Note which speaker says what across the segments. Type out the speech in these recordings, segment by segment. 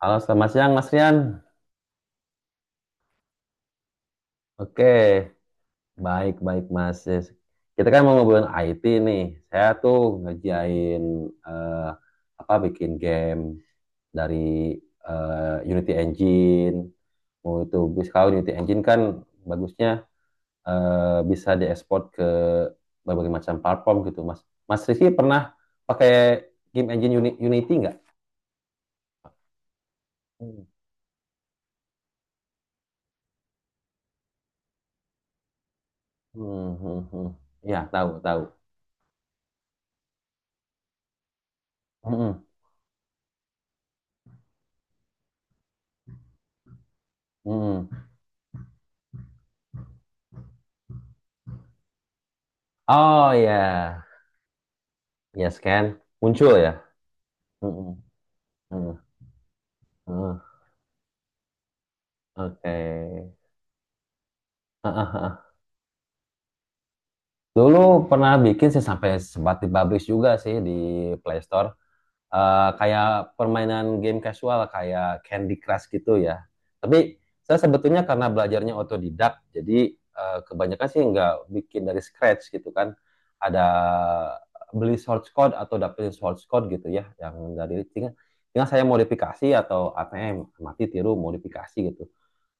Speaker 1: Halo, selamat siang Mas Rian. Oke, baik baik Mas. Ya, kita kan mau ngobrolin IT nih. Saya tuh ngerjain eh, apa bikin game dari Unity Engine. Mau itu, kalau Unity Engine kan bagusnya bisa diekspor ke berbagai macam platform gitu, Mas. Mas Rizky pernah pakai game engine Unity nggak? Hmm, hmm, hmm, hmm. Ya, tahu, tahu. Hmm, hmm. Oh ya, yes kan? Muncul ya? Mm-mm. Mm. Mm. Oke. Ah, ah, ah. Dulu pernah bikin sih, sampai sempat dipublish juga sih di Play Store. Kayak permainan game casual kayak Candy Crush gitu ya. Tapi saya sebetulnya karena belajarnya otodidak, jadi kebanyakan sih nggak bikin dari scratch gitu kan. Ada beli source code atau dapetin source code gitu ya, yang dari tinggal, tinggal saya modifikasi, atau ATM, mati tiru modifikasi gitu.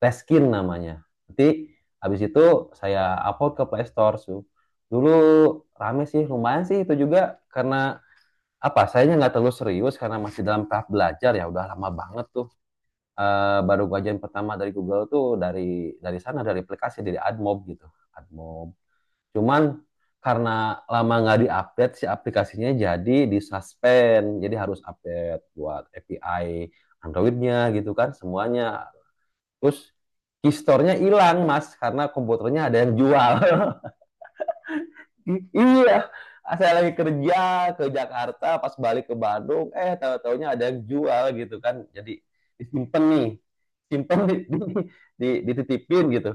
Speaker 1: Reskin namanya. Nanti habis itu saya upload ke Play Store. Dulu rame sih, lumayan sih, itu juga karena apa? Sayanya nggak terlalu serius karena masih dalam tahap belajar ya. Udah lama banget tuh. Baru gua ajain pertama dari Google tuh, dari sana, dari aplikasi, dari AdMob gitu. AdMob. Cuman karena lama nggak diupdate si aplikasinya jadi disuspend. Jadi harus update buat API Androidnya gitu kan semuanya. Terus kistornya hilang mas, karena komputernya ada yang jual. Iya, saya lagi kerja ke Jakarta, pas balik ke Bandung, tahu-taunya ada yang jual gitu kan. Jadi disimpan nih, simpen dititipin gitu.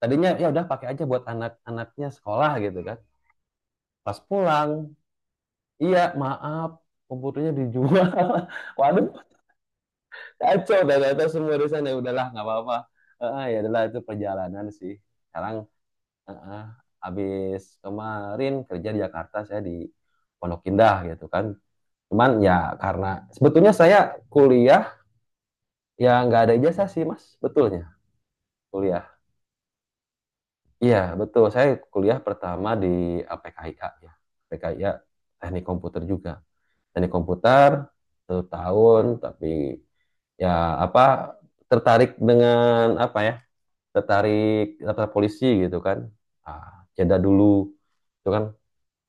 Speaker 1: Tadinya ya udah pakai aja buat anak-anaknya sekolah gitu kan. Pas pulang, iya, maaf, komputernya dijual. Waduh, kacau dah, kata semua urusan ya udahlah nggak apa-apa. Ya adalah itu perjalanan sih. Sekarang. Heeh. Habis kemarin kerja di Jakarta saya di Pondok Indah gitu kan. Cuman ya karena sebetulnya saya kuliah ya nggak ada ijazah sih Mas, betulnya kuliah. Iya betul, saya kuliah pertama di PKIK ya, PKIK teknik komputer juga, teknik komputer 1 tahun, tapi ya apa, tertarik dengan apa ya, tertarik daftar polisi gitu kan, jeda dulu itu kan.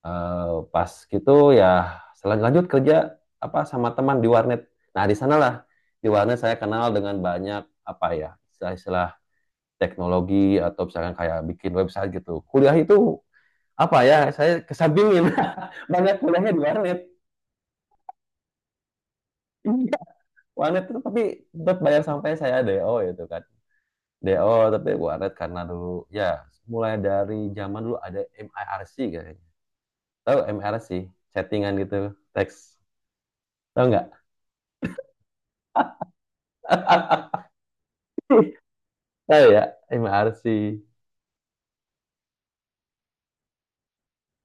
Speaker 1: Eh, Pas gitu ya, lanjut kerja apa sama teman di warnet. Nah, di sanalah di warnet saya kenal dengan banyak apa ya, istilah-istilah teknologi, atau misalkan kayak bikin website gitu. Kuliah itu apa ya, saya kesampingin banyak kuliahnya di warnet. Iya, warnet itu, tapi tetap bayar sampai saya DO itu kan. DO, tapi warnet karena dulu ya, mulai dari zaman dulu ada MIRC kayaknya. Tahu MIRC? Chattingan gitu, teks. Tahu nggak? Oh ya, MRC.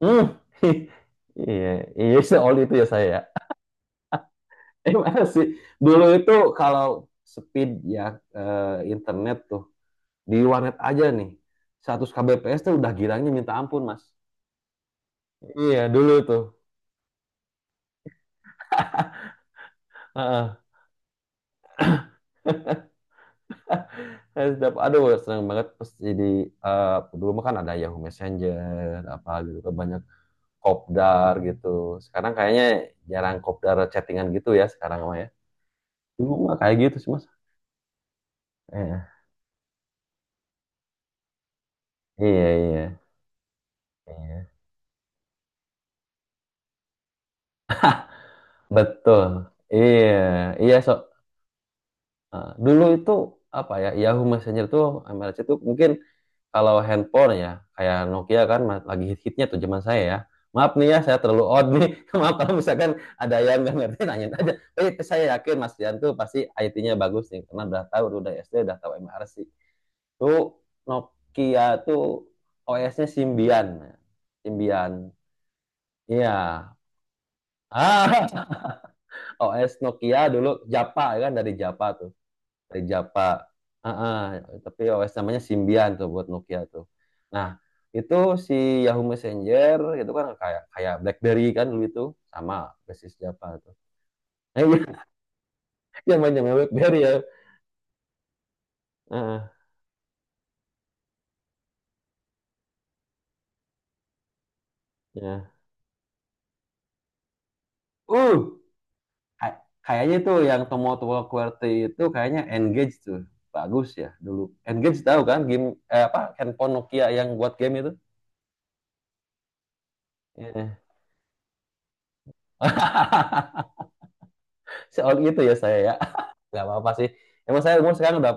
Speaker 1: Hmm. Iya, iya, itu all itu ya saya. MRC. Dulu itu, kalau speed ya, eh, internet tuh di warnet aja nih. 100 kbps tuh udah girangnya minta ampun, Mas. Iya, dulu tuh. Heeh. Setiap aduh, senang banget pas jadi, eh, dulu mah kan ada Yahoo Messenger apa gitu kan, banyak kopdar gitu. Sekarang kayaknya jarang kopdar chattingan gitu ya, sekarang mah ya. Dulu mah kayak gitu sih, Mas. Eh, Iya, iya, iya. Betul. Iya, iya, so. Nah, dulu itu apa ya? Yahoo Messenger tuh, MRC tuh, mungkin kalau handphone ya kayak Nokia kan, lagi hit-hitnya tuh zaman saya ya. Maaf nih ya, saya terlalu odd nih. Maaf kalau misalkan ada yang nggak ngerti, nanya aja. Saya yakin Mas Dian tuh pasti IT-nya bagus nih, karena udah tahu, udah SD udah tahu MRC. Tuh Nokia tuh OS-nya Symbian. Symbian. Iya. Ah, OS Nokia dulu Japa ya kan, dari Japa tuh, dari Japa. Ah, ah, tapi OS namanya Symbian tuh buat Nokia tuh. Nah, itu si Yahoo Messenger itu kan kayak kayak BlackBerry kan dulu itu, sama basis Japa tuh. Nah, iya, zaman BlackBerry ya. Ah, ya, uh kayaknya tuh yang Tomoto QWERTY itu kayaknya Engage tuh bagus ya dulu. Engage, tahu kan game, apa handphone Nokia yang buat game itu. Iya. Soal itu ya saya ya. Gak apa-apa sih. Emang saya umur sekarang udah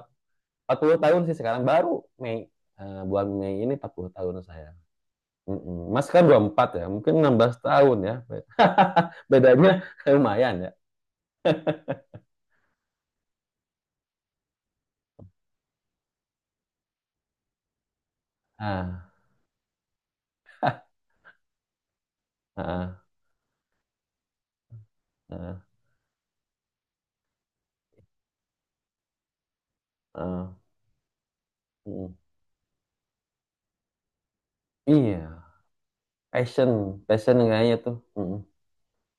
Speaker 1: 40 tahun sih, sekarang baru Mei, bulan Mei ini 40 tahun saya. Mm-mm. Mas kan 24 ya, mungkin 16 tahun ya. Bedanya lumayan ya. Ah. Ah, ah, ah. Mm. Iya, passion, passion kayaknya tuh. Mm.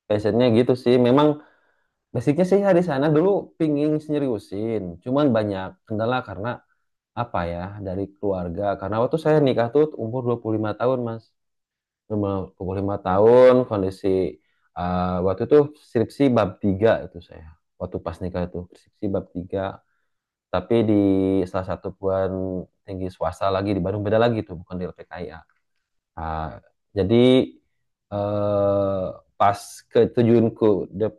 Speaker 1: Passionnya gitu sih. Memang basicnya sih dari sana dulu, pingin seriusin. Cuman banyak kendala karena apa ya, dari keluarga. Karena waktu saya nikah tuh umur 25 tahun, Mas. 25 tahun, kondisi waktu itu skripsi bab 3 itu saya. Waktu pas nikah itu skripsi bab 3, tapi di salah satu perguruan tinggi swasta lagi di Bandung, beda lagi tuh, bukan di LPKIA. Ah, jadi eh, pas keterjunku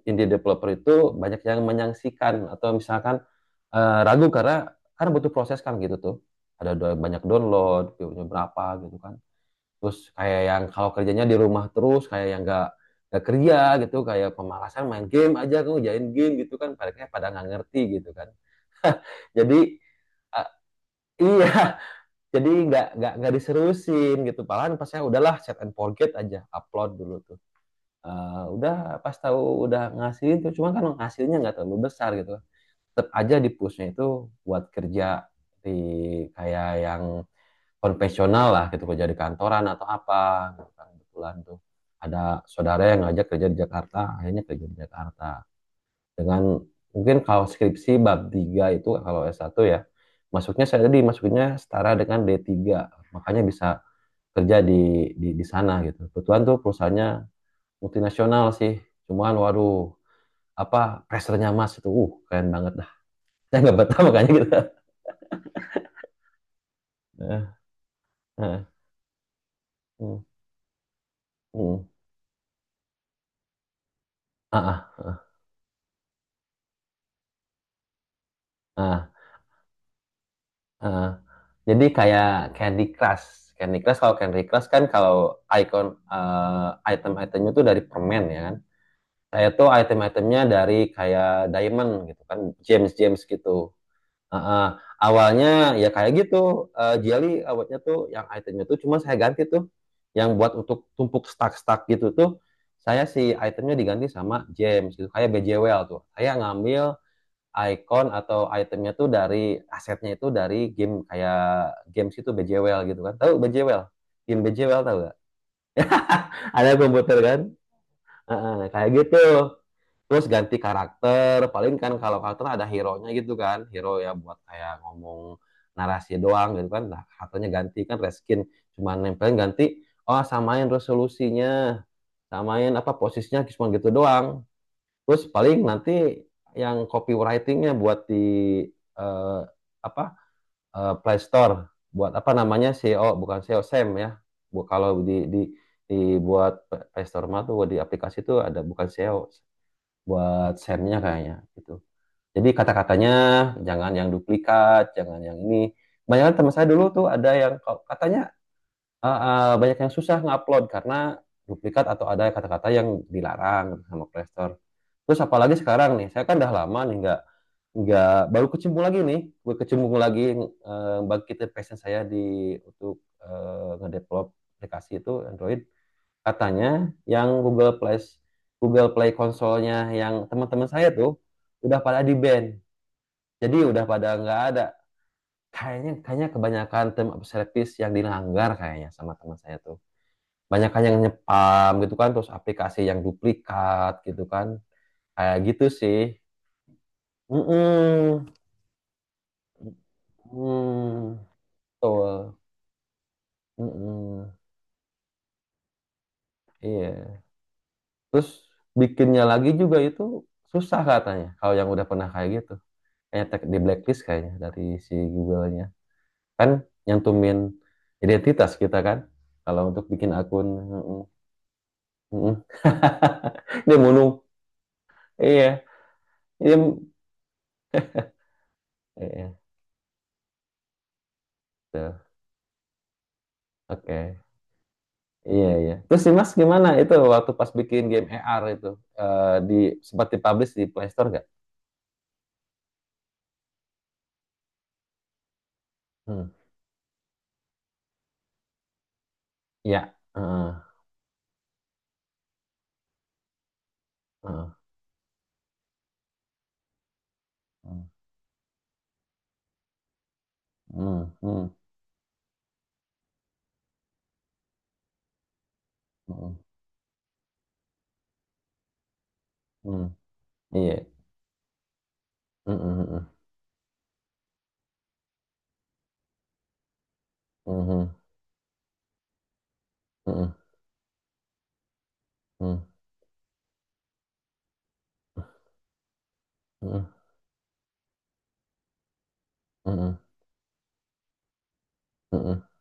Speaker 1: indie developer itu, banyak yang menyaksikan atau misalkan ragu, karena kan butuh proses kan gitu tuh. Ada banyak download, view-nya berapa gitu kan, terus kayak yang kalau kerjanya di rumah terus kayak yang nggak kerja gitu, kayak pemalasan main game aja, kamu jain game gitu kan, pada pada nggak ngerti gitu kan. Jadi eh, iya. Jadi nggak diserusin gitu, malahan pas saya udahlah set and forget aja, upload dulu tuh. Udah pas tahu udah ngasih itu, cuma kan hasilnya nggak terlalu besar gitu, tetap aja di pushnya itu buat kerja di kayak yang konvensional lah gitu, kerja di kantoran atau apa gitu kan. Kebetulan tuh ada saudara yang ngajak kerja di Jakarta, akhirnya kerja di Jakarta dengan, mungkin kalau skripsi bab 3 itu kalau S1 ya, masuknya saya tadi masuknya setara dengan D3, makanya bisa kerja di sana gitu. Kebetulan tuh perusahaannya multinasional sih, cuman waduh apa, pressernya mas itu, keren banget dah. Saya nggak betah makanya gitu. Nah, nah, hmm, hmm. Ah, ah, ah, ah. Eh, jadi kayak Candy Crush. Candy Crush, kalau Candy Crush kan kalau icon, eh, item-itemnya tuh dari permen ya kan. Saya tuh item-itemnya dari kayak diamond gitu kan, gems, gems gitu. Eh, eh, Awalnya ya kayak gitu, jelly awalnya tuh yang itemnya tuh, cuma saya ganti tuh yang buat untuk tumpuk stack-stack gitu tuh, saya si itemnya diganti sama gems gitu, kayak BJWL tuh. Saya ngambil icon atau itemnya tuh dari asetnya itu dari game, kayak games itu BJWL gitu kan. Tahu BJWL? Game BJWL tahu gak? Ada komputer kan? Heeh, kayak gitu. Terus ganti karakter. Paling kan kalau karakter ada hero-nya gitu kan. Hero ya buat kayak ngomong narasi doang gitu kan. Nah, karakternya ganti kan reskin, cuma nempelin, ganti, oh samain resolusinya, samain apa posisinya, cuma gitu doang. Terus paling nanti yang copywritingnya buat di eh, apa Play Store buat apa namanya SEO, bukan SEO, SEM ya. Bu, kalau di dibuat Play Store mah tuh di aplikasi tuh ada, bukan SEO buat SEM-nya kayaknya gitu. Jadi kata-katanya jangan yang duplikat, jangan yang ini. Banyak teman saya dulu tuh ada yang katanya, ah, ah, banyak yang susah ngupload karena duplikat atau ada kata-kata yang dilarang sama Play Store. Terus apalagi sekarang nih, saya kan udah lama nih nggak baru kecimpung lagi nih, gue kecimpung lagi, bangkitin passion saya di, untuk ngedevelop aplikasi itu Android. Katanya yang Google Play Google Play konsolnya yang teman-teman saya tuh udah pada di ban. Jadi udah pada nggak ada. Kayaknya kayaknya kebanyakan term of service yang dilanggar kayaknya sama teman saya tuh, banyak kan yang nyepam gitu kan, terus aplikasi yang duplikat gitu kan, kayak gitu sih. Mm-mm. Mm. Betul. Mm-mm. Iya, terus bikinnya lagi juga itu susah katanya kalau yang udah pernah kayak gitu, kayak di blacklist kayaknya, dari si Google-nya kan, nyantumin identitas kita kan kalau untuk bikin akun. Mm-mm. Mm-mm. Dia bunuh. Iya, iya, iya. Tuh. Oke. Iya, iya. Terus sih Mas gimana itu waktu pas bikin game AR itu, eh, di sempat dipublish di Play Store nggak? Hmm. Iya. Heeh, heeh. Hmm, hmm, hmm, hmm. Iya. Hmm, hmm, hmm, hmm, hmm, hmm, hmm, hmm, hmm, hmm.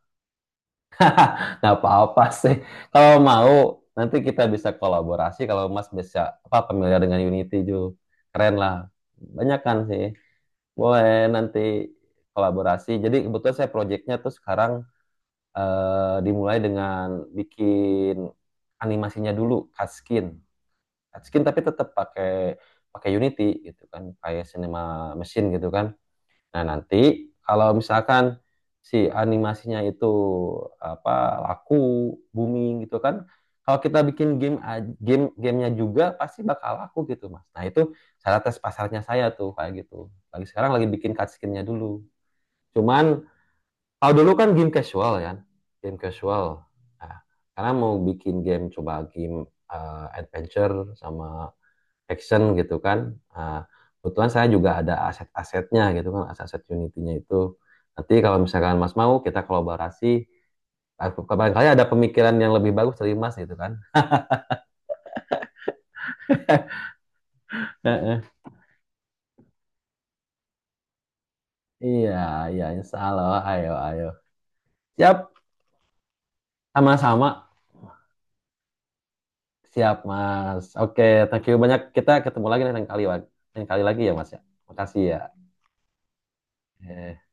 Speaker 1: Nggak apa-apa sih. Kalau mau nanti kita bisa kolaborasi kalau Mas bisa apa, familiar dengan Unity Keren lah. Banyak kan sih. Boleh nanti kolaborasi. Jadi kebetulan saya proyeknya tuh sekarang, dimulai dengan bikin animasinya dulu, cutscene, cutscene tapi tetap pakai pakai Unity gitu kan kayak Cinema Machine gitu kan. Nah nanti kalau misalkan si animasinya itu apa, laku, booming gitu kan, kalau kita bikin game, game gamenya juga pasti bakal laku gitu mas. Nah itu cara tes pasarnya saya tuh, kayak gitu lagi sekarang, lagi bikin cutscene-nya dulu. Cuman kalau dulu kan game casual kan, game casual. Nah, karena mau bikin game, coba game, adventure sama action gitu kan. Nah, kebetulan saya juga ada aset-asetnya gitu kan, aset-aset Unity-nya itu. Nanti kalau misalkan Mas mau kita kolaborasi, kapan kali ada pemikiran yang lebih bagus dari Mas gitu kan. Heeh. Iya, iya, insya Allah. Ayo, ayo. Siap, sama-sama. Siap, Mas. Oke, thank you banyak. Kita ketemu lagi lain kali lagi ya, Mas ya. Makasih ya. eh